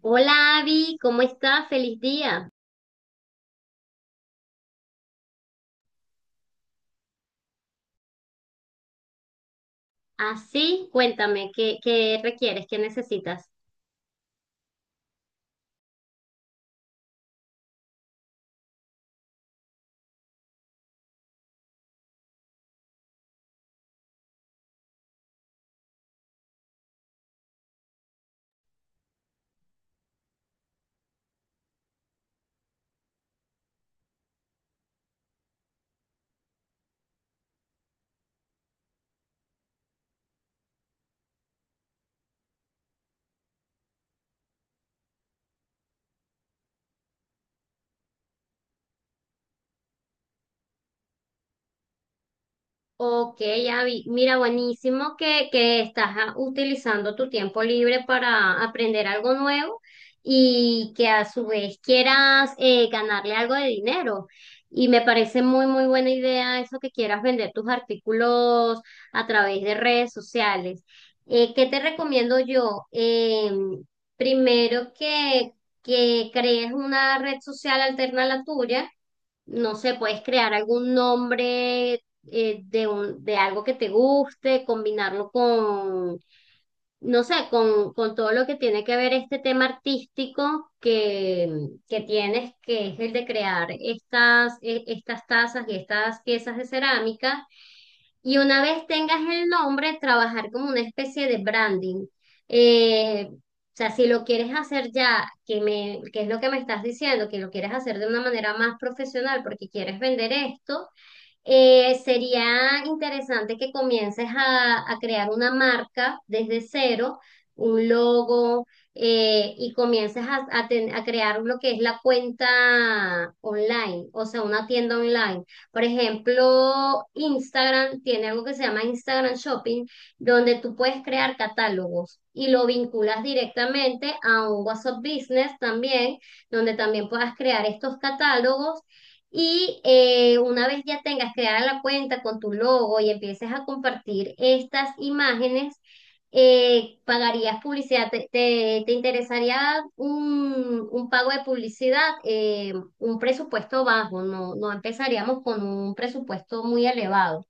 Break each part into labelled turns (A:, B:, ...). A: Hola Abby, ¿cómo estás? Feliz día. Así, cuéntame, ¿qué requieres? ¿Qué necesitas? Ok, Abby, mira, buenísimo que estás utilizando tu tiempo libre para aprender algo nuevo y que a su vez quieras ganarle algo de dinero. Y me parece muy, muy buena idea eso que quieras vender tus artículos a través de redes sociales. ¿Qué te recomiendo yo? Primero que crees una red social alterna a la tuya. No sé, puedes crear algún nombre, de algo que te guste, combinarlo con, no sé, con todo lo que tiene que ver este tema artístico que tienes, que es el de crear estas tazas y estas piezas de cerámica. Y una vez tengas el nombre, trabajar como una especie de branding. O sea, si lo quieres hacer ya, que es lo que me estás diciendo, que lo quieres hacer de una manera más profesional porque quieres vender esto, sería interesante que comiences a crear una marca desde cero, un logo, y comiences a crear lo que es la cuenta online, o sea, una tienda online. Por ejemplo, Instagram tiene algo que se llama Instagram Shopping, donde tú puedes crear catálogos y lo vinculas directamente a un WhatsApp Business también, donde también puedas crear estos catálogos y una vez ya tengas creada la cuenta con tu logo y empieces a compartir estas imágenes, pagarías publicidad. ¿Te interesaría un pago de publicidad? Un presupuesto bajo, no, no empezaríamos con un presupuesto muy elevado.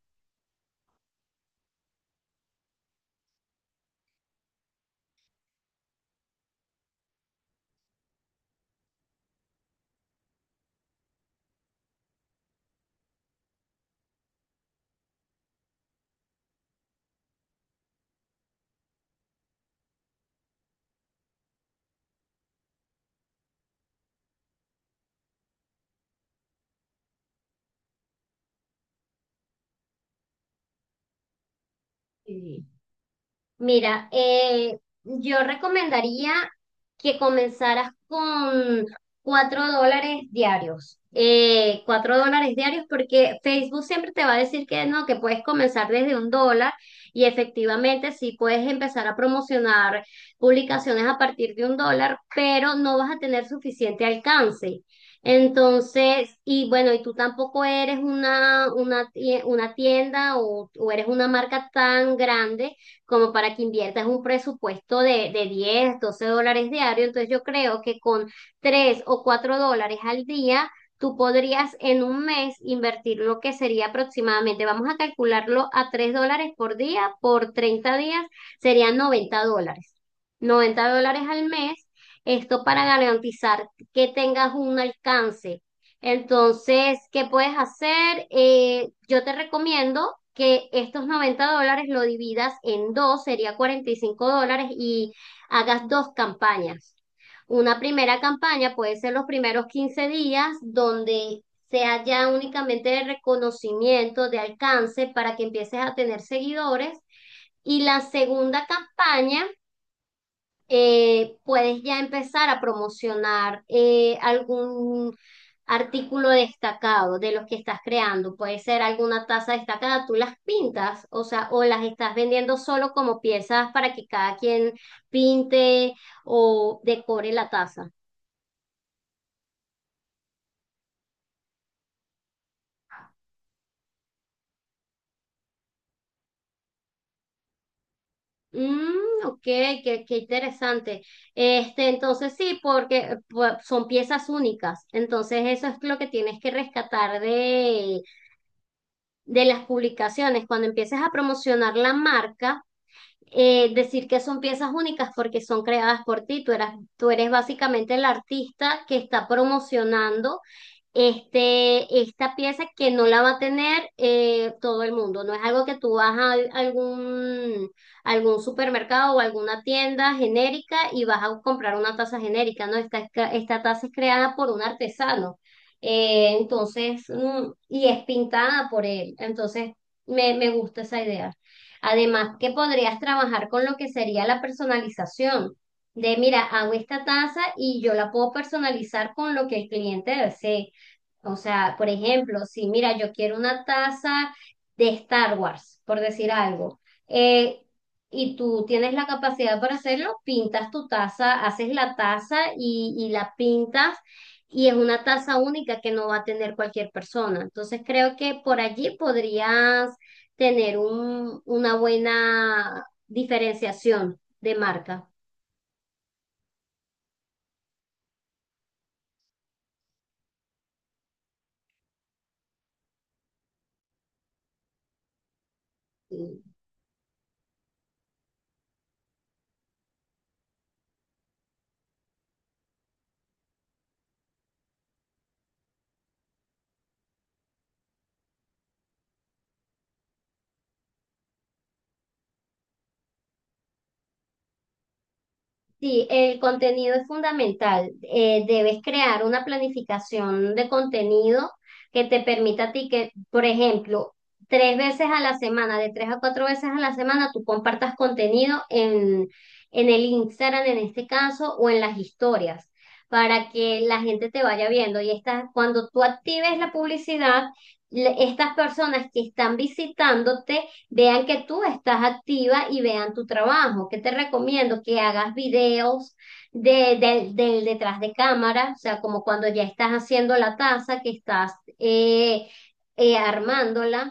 A: Sí. Mira, yo recomendaría que comenzaras con $4 diarios. $4 diarios porque Facebook siempre te va a decir que no, que puedes comenzar desde $1 y efectivamente sí puedes empezar a promocionar publicaciones a partir de $1, pero no vas a tener suficiente alcance. Entonces, y bueno, y tú tampoco eres una tienda o eres una marca tan grande como para que inviertas un presupuesto de 10 12 dólares diario. Entonces yo creo que con 3 o 4 dólares al día, tú podrías en un mes invertir lo que sería aproximadamente, vamos a calcularlo a $3 por día, por 30 días serían $90. $90 al mes. Esto para garantizar que tengas un alcance. Entonces, ¿qué puedes hacer? Yo te recomiendo que estos $90 lo dividas en dos, sería $45 y hagas dos campañas. Una primera campaña puede ser los primeros 15 días donde sea ya únicamente de reconocimiento, de alcance, para que empieces a tener seguidores. Y la segunda campaña, puedes ya empezar a promocionar, algún artículo destacado de los que estás creando. Puede ser alguna taza destacada, tú las pintas, o sea, o las estás vendiendo solo como piezas para que cada quien pinte o decore la taza. Mm, ok, qué interesante. Este, entonces sí, porque son piezas únicas. Entonces eso es lo que tienes que rescatar de las publicaciones, cuando empieces a promocionar la marca, decir que son piezas únicas porque son creadas por ti. Tú eres básicamente el artista que está promocionando esta pieza que no la va a tener, todo el mundo. No es algo que tú vas a algún, algún supermercado o alguna tienda genérica y vas a comprar una taza genérica, ¿no? Esta taza es creada por un artesano. Entonces, y es pintada por él. Entonces, me gusta esa idea. Además, que podrías trabajar con lo que sería la personalización. Mira, hago esta taza y yo la puedo personalizar con lo que el cliente desee. O sea, por ejemplo, si mira, yo quiero una taza de Star Wars, por decir algo, eh, y tú tienes la capacidad para hacerlo, pintas tu taza, haces la taza y la pintas, y es una taza única que no va a tener cualquier persona. Entonces creo que por allí podrías tener una buena diferenciación de marca. Sí. Sí, el contenido es fundamental. Debes crear una planificación de contenido que te permita a ti que, por ejemplo, tres veces a la semana, de tres a cuatro veces a la semana, tú compartas contenido en, el Instagram en este caso o en las historias para que la gente te vaya viendo. Y cuando tú actives la publicidad, estas personas que están visitándote vean que tú estás activa y vean tu trabajo. ¿Qué te recomiendo? Que hagas videos de, del del detrás de cámara, o sea, como cuando ya estás haciendo la taza, que estás eh, armándola.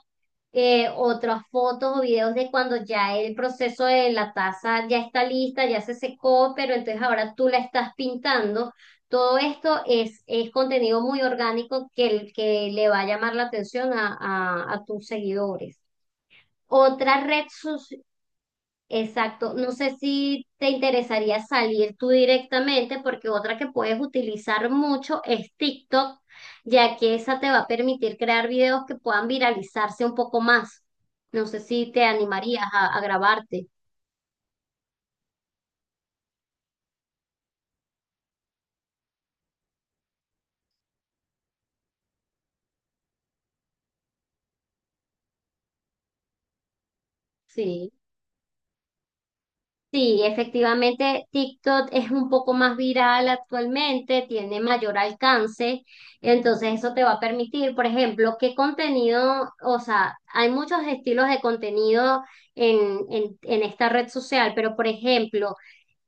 A: Otras fotos o videos de cuando ya el proceso de la taza ya está lista, ya se secó, pero entonces ahora tú la estás pintando. Todo esto es contenido muy orgánico que le va a llamar la atención a tus seguidores. Otra red social, exacto, no sé si te interesaría salir tú directamente porque otra que puedes utilizar mucho es TikTok, ya que esa te va a permitir crear videos que puedan viralizarse un poco más. No sé si te animarías a grabarte. Sí. Sí, efectivamente, TikTok es un poco más viral actualmente, tiene mayor alcance, entonces eso te va a permitir, por ejemplo, qué contenido, o sea, hay muchos estilos de contenido en, en esta red social, pero por ejemplo,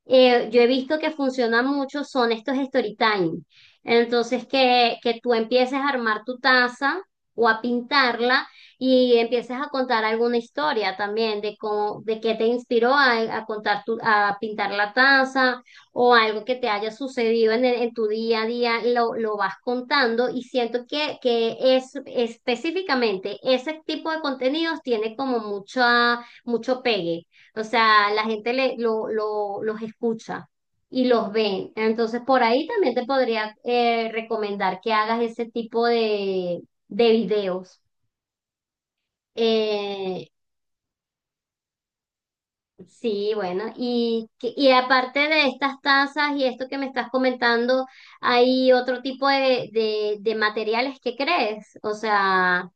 A: yo he visto que funciona mucho, son estos story time. Entonces, que tú empieces a armar tu taza o a pintarla y empieces a contar alguna historia también de cómo, de qué te inspiró a a pintar la taza o algo que te haya sucedido en tu día a día, lo vas contando y siento que es específicamente ese tipo de contenidos tiene como mucho pegue, o sea, la gente los escucha y los ve. Entonces, por ahí también te podría, recomendar que hagas ese tipo de videos. Eh, sí, bueno, y aparte de estas tazas y esto que me estás comentando, ¿hay otro tipo de materiales que crees? O sea,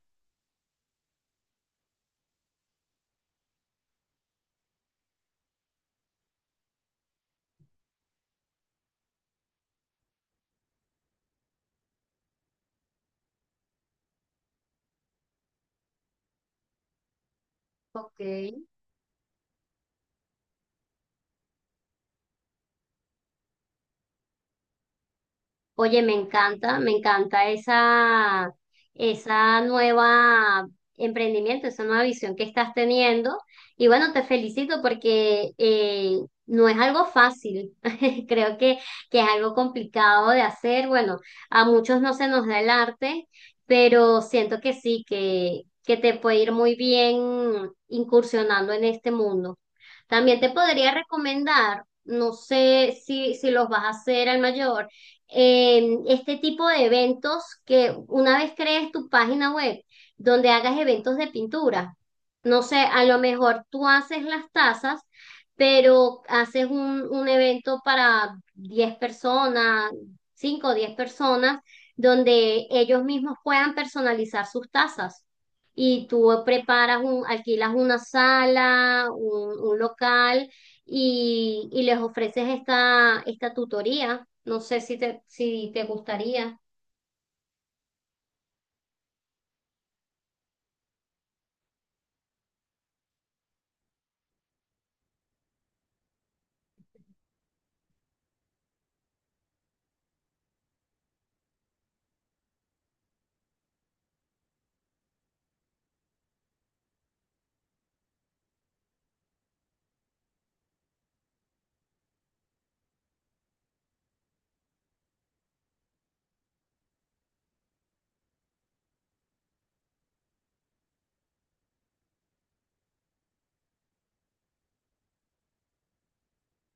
A: ok. Oye, me encanta esa nueva emprendimiento, esa nueva visión que estás teniendo. Y bueno, te felicito porque no es algo fácil. Creo que es algo complicado de hacer. Bueno, a muchos no se nos da el arte, pero siento que sí, que te puede ir muy bien incursionando en este mundo. También te podría recomendar, no sé si los vas a hacer al mayor, este tipo de eventos que una vez crees tu página web donde hagas eventos de pintura. No sé, a lo mejor tú haces las tazas, pero haces un evento para 10 personas, 5 o 10 personas, donde ellos mismos puedan personalizar sus tazas. Y tú preparas alquilas una sala, un local y les ofreces esta tutoría. No sé si te gustaría.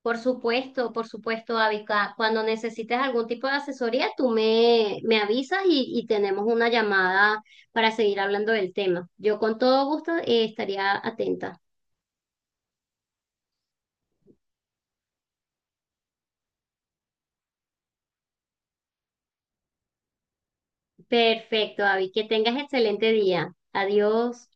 A: Por supuesto, Avica. Cuando necesites algún tipo de asesoría, tú me avisas y tenemos una llamada para seguir hablando del tema. Yo con todo gusto, estaría atenta. Perfecto, Avi. Que tengas excelente día. Adiós.